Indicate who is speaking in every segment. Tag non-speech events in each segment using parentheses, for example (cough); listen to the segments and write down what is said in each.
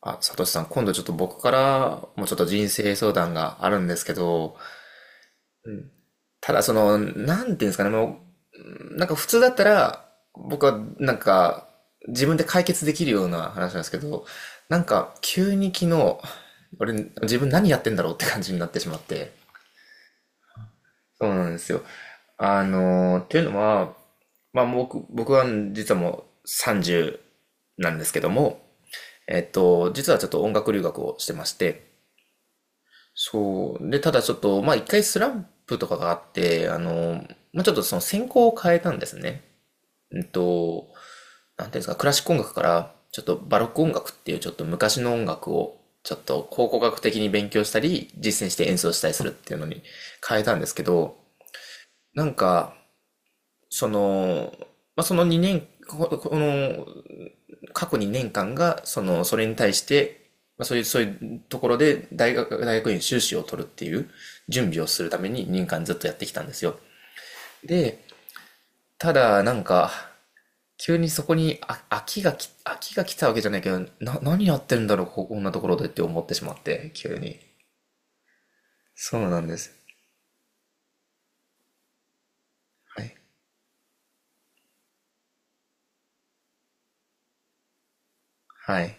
Speaker 1: あ、サトシさん、今度ちょっと僕からもちょっと人生相談があるんですけど、ただその、なんていうんですかね、もう、普通だったら、僕はなんか自分で解決できるような話なんですけど、なんか急に昨日、俺自分何やってんだろうって感じになってしまって。そうなんですよ。っていうのは、まあ僕は実はもう30なんですけども、実はちょっと音楽留学をしてまして、そう。で、ただちょっと、まあ一回スランプとかがあって、まあちょっとその専攻を変えたんですね。うんと、なんていうんですか、クラシック音楽から、ちょっとバロック音楽っていうちょっと昔の音楽を、ちょっと考古学的に勉強したり、実践して演奏したりするっていうのに変えたんですけど、なんか、その、まあ、その2年、ここの、過去2年間が、その、それに対して、まあ、そういうところで大学院修士を取るっていう準備をするために2年間ずっとやってきたんですよ。で、ただ、なんか、急にそこに飽きが来たわけじゃないけど、何やってるんだろう、ここんなところでって思ってしまって、急に。そうなんです。はい。はい。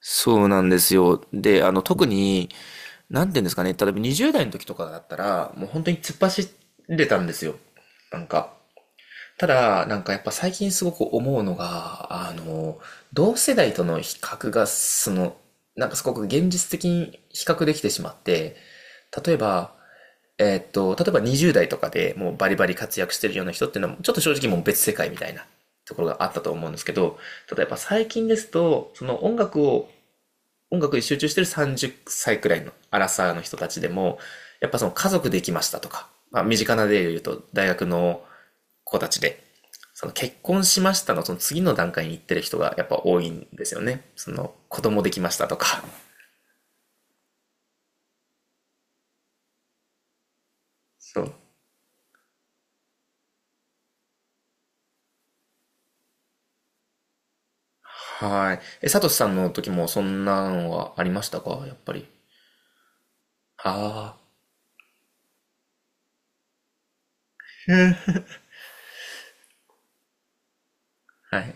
Speaker 1: そうなんですよ。で、あの、特に、なんていうんですかね、例えば20代の時とかだったら、もう本当に突っ走れたんですよ。なんか。ただ、なんかやっぱ最近すごく思うのが、あの、同世代との比較が、その、なんかすごく現実的に比較できてしまって、例えば、例えば20代とかでもうバリバリ活躍してるような人っていうのは、ちょっと正直もう別世界みたいなところがあったと思うんですけど、例えば最近ですと、その音楽に集中してる30歳くらいのアラサーの人たちでも、やっぱその家族できましたとか、まあ身近な例で言うと大学の子たちで、その結婚しましたのその次の段階に行ってる人がやっぱ多いんですよね。その子供できましたとか。そう。はい。え、サトシさんの時もそんなのはありましたかやっぱり。ああ。はい。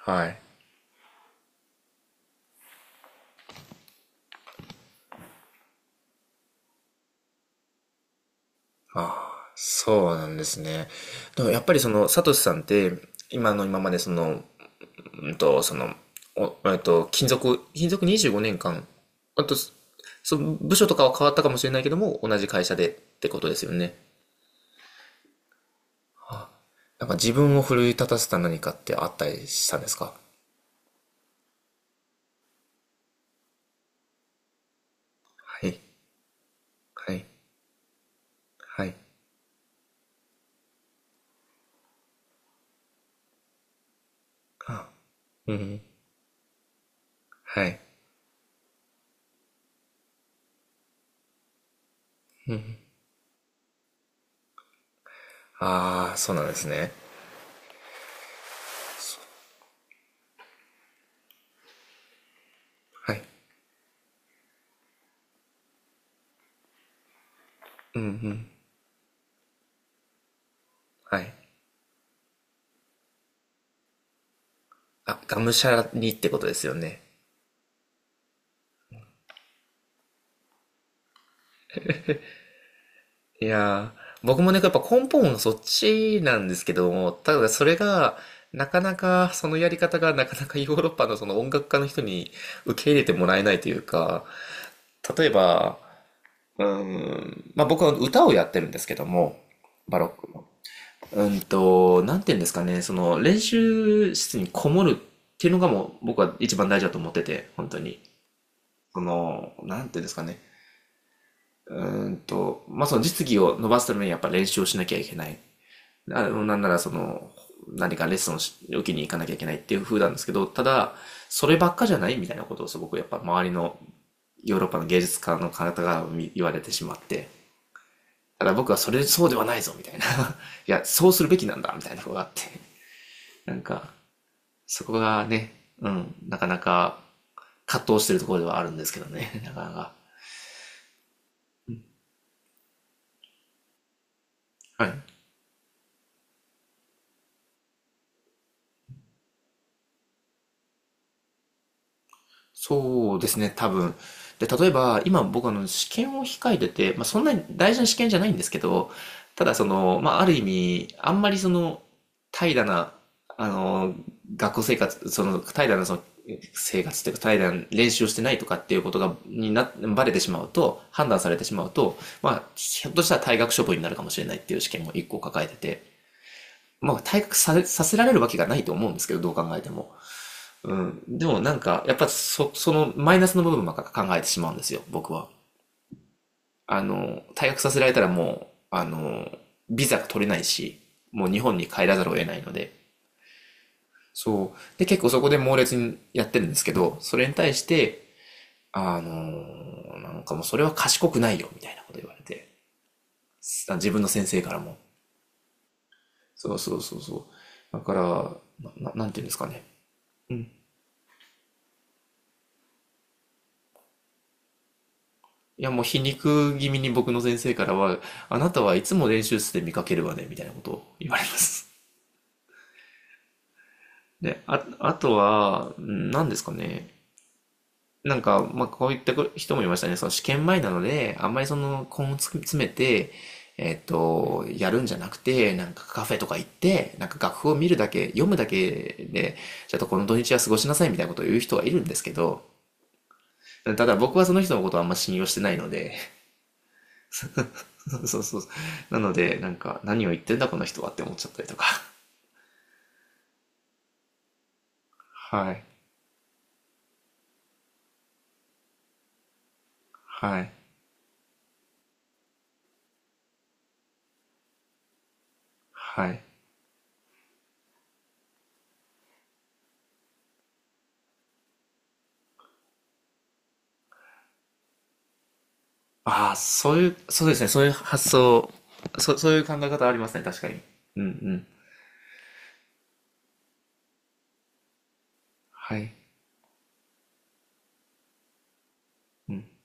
Speaker 1: はい。ああ、そうなんですね。でもやっぱりその、サトシさんって、今の今までその、その、おえっと、勤続、勤続25年間。あと、その部署とかは変わったかもしれないけども、同じ会社でってことですよね。なんか自分を奮い立たせた何かってあったりしたんですか。はい、はい、はい。あ、うん、はい。ああ、そうなんですね。はい。うん、うん。はい。あ、がむしゃらにってことですよね。いやー、僕もね、やっぱ根本はそっちなんですけども、ただそれが、なかなか、そのやり方がなかなか (laughs) ヨーロッパのその音楽家の人に受け入れてもらえないというか、例えば、まあ僕は歌をやってるんですけども、バロックの。なんて言うんですかね、その練習室にこもるっていうのがもう僕は一番大事だと思ってて、本当に。その、なんていうんですかね。まあ、その実技を伸ばすためにやっぱ練習をしなきゃいけない。あのなんならその、何かレッスンを受けに行かなきゃいけないっていう風なんですけど、ただ、そればっかじゃないみたいなことをすごくやっぱ周りのヨーロッパの芸術家の方が言われてしまって、ただ僕はそれそうではないぞみたいな、(laughs) いや、そうするべきなんだみたいなことがあって、なんか、そこがね、うん、なかなか葛藤してるところではあるんですけどね、(laughs) なかなか。はい。そうですね、多分。で、例えば、今僕あの試験を控えてて、まあ、そんなに大事な試験じゃないんですけど、ただその、まあ、ある意味、あんまりその、怠惰な、あの、学校生活、その、怠惰なその、生活というか、怠惰な練習をしてないとかっていうことが、バレてしまうと、判断されてしまうと、まあ、ひょっとしたら退学処分になるかもしれないっていう試験も一個抱えてて、まあ、退学さ、させられるわけがないと思うんですけど、どう考えても。うん。でもなんか、やっぱそのマイナスの部分ばっか考えてしまうんですよ、僕は。あの、退学させられたらもう、あの、ビザが取れないし、もう日本に帰らざるを得ないので。そう。で、結構そこで猛烈にやってるんですけど、それに対して、なんかもうそれは賢くないよ、みたいなこと言われて。自分の先生からも。そうそう。だから、なんていうんですかね。うん。いや、もう皮肉気味に僕の先生からは、あなたはいつも練習室で見かけるわね、みたいなことを言われます。で、あ、あとは、うん何ですかね。なんか、まあ、こういった人もいましたね。その試験前なので、あんまりその根を詰めて、やるんじゃなくて、なんかカフェとか行って、なんか楽譜を見るだけ、読むだけで、ちょっとこの土日は過ごしなさいみたいなことを言う人がいるんですけど、ただ僕はその人のことをあんま信用してないので、(laughs) そうそう。なので、なんか、何を言ってんだこの人はって思っちゃったりとか。はい。はい。はい。ああ、そういう、そうですね。そういう発想、そ、そういう考え方ありますね。確かに。うんうん。はい。うん。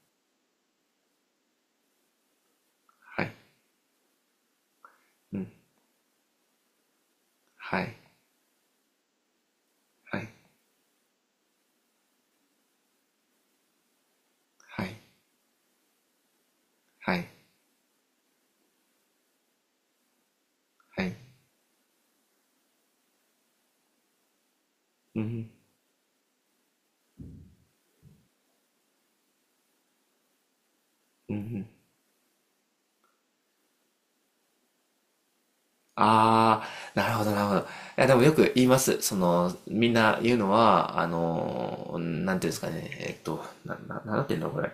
Speaker 1: はい。うん。はい。はい。はい。はい。はい。うん。うん。うん。ああ、なるほど、なるほど。いや、でもよく言います。その、みんな言うのは、あの、なんていうんですかね、えっと、なんていうんだろう、これ。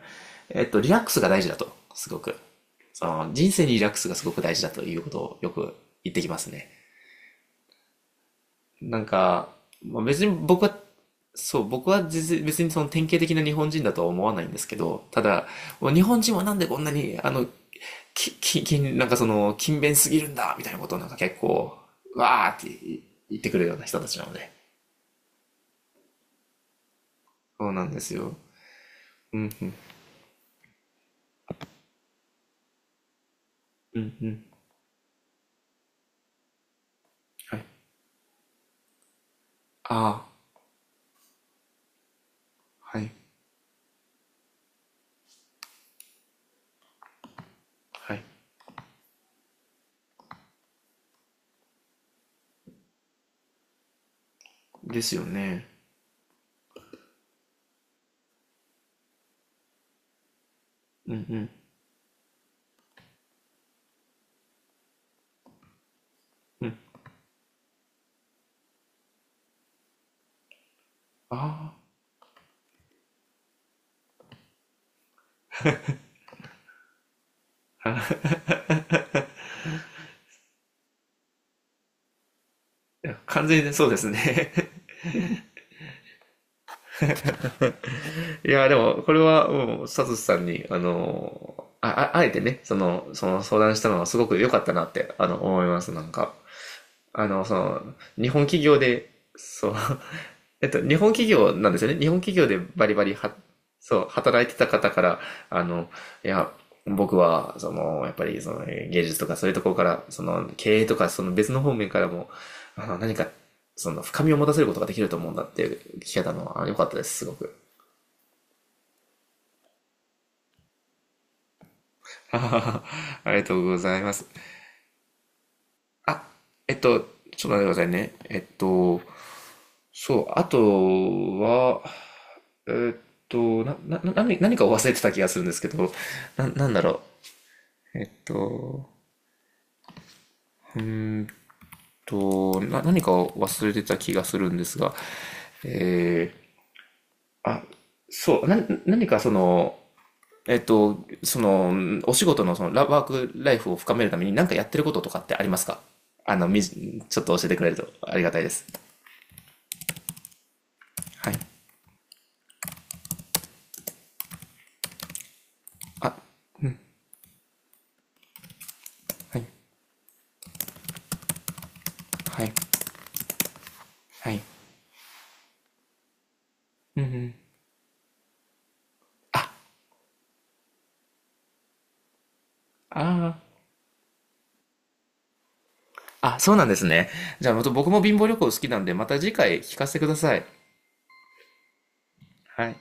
Speaker 1: リラックスが大事だと、すごく。その、人生にリラックスがすごく大事だということをよく言ってきますね。なんか、まあ、別に僕は、そう、僕は実別にその典型的な日本人だとは思わないんですけど、ただ、もう日本人はなんでこんなに、あの、き、き、き、なんかその、勤勉すぎるんだ、みたいなことをなんか結構、わーって言ってくるような人たちなので。そうなんですよ。うん、うん、うん。はい。ああ、はい、はい。ですよね。うん、うん、うん。ああ。(laughs) 完全にそうですね。いや、でも、これは、もう、サトシさんに、あの、あえてね、その、その相談したのはすごく良かったなって、あの、思います、なんか。あの、その、日本企業で、そう、(laughs) 日本企業なんですよね。日本企業でバリバリは、そう、働いてた方から、あの、いや、僕は、その、やっぱり、その、芸術とかそういうところから、その、経営とか、その別の方面からも、あの、何か、その、深みを持たせることができると思うんだっていう聞けたのは、良かったです、すごく。(laughs) あははありがとうございます。あ、えっと、ちょっと待ってくださいね。そう、あとは、えっと、な、な、な何、何かを忘れてた気がするんですけど、なんだろう。うーん何かを忘れてた気がするんですが、えあ、そう、な、何かその、その、お仕事のそのワークライフを深めるために何かやってることとかってありますか。ちょっと教えてくれるとありがたいです。はい。あ、はい、はい、はい。うんうん。あ、ああ、そうなんですね。じゃあ、また僕も貧乏旅行好きなんで、また次回聞かせてください。はい。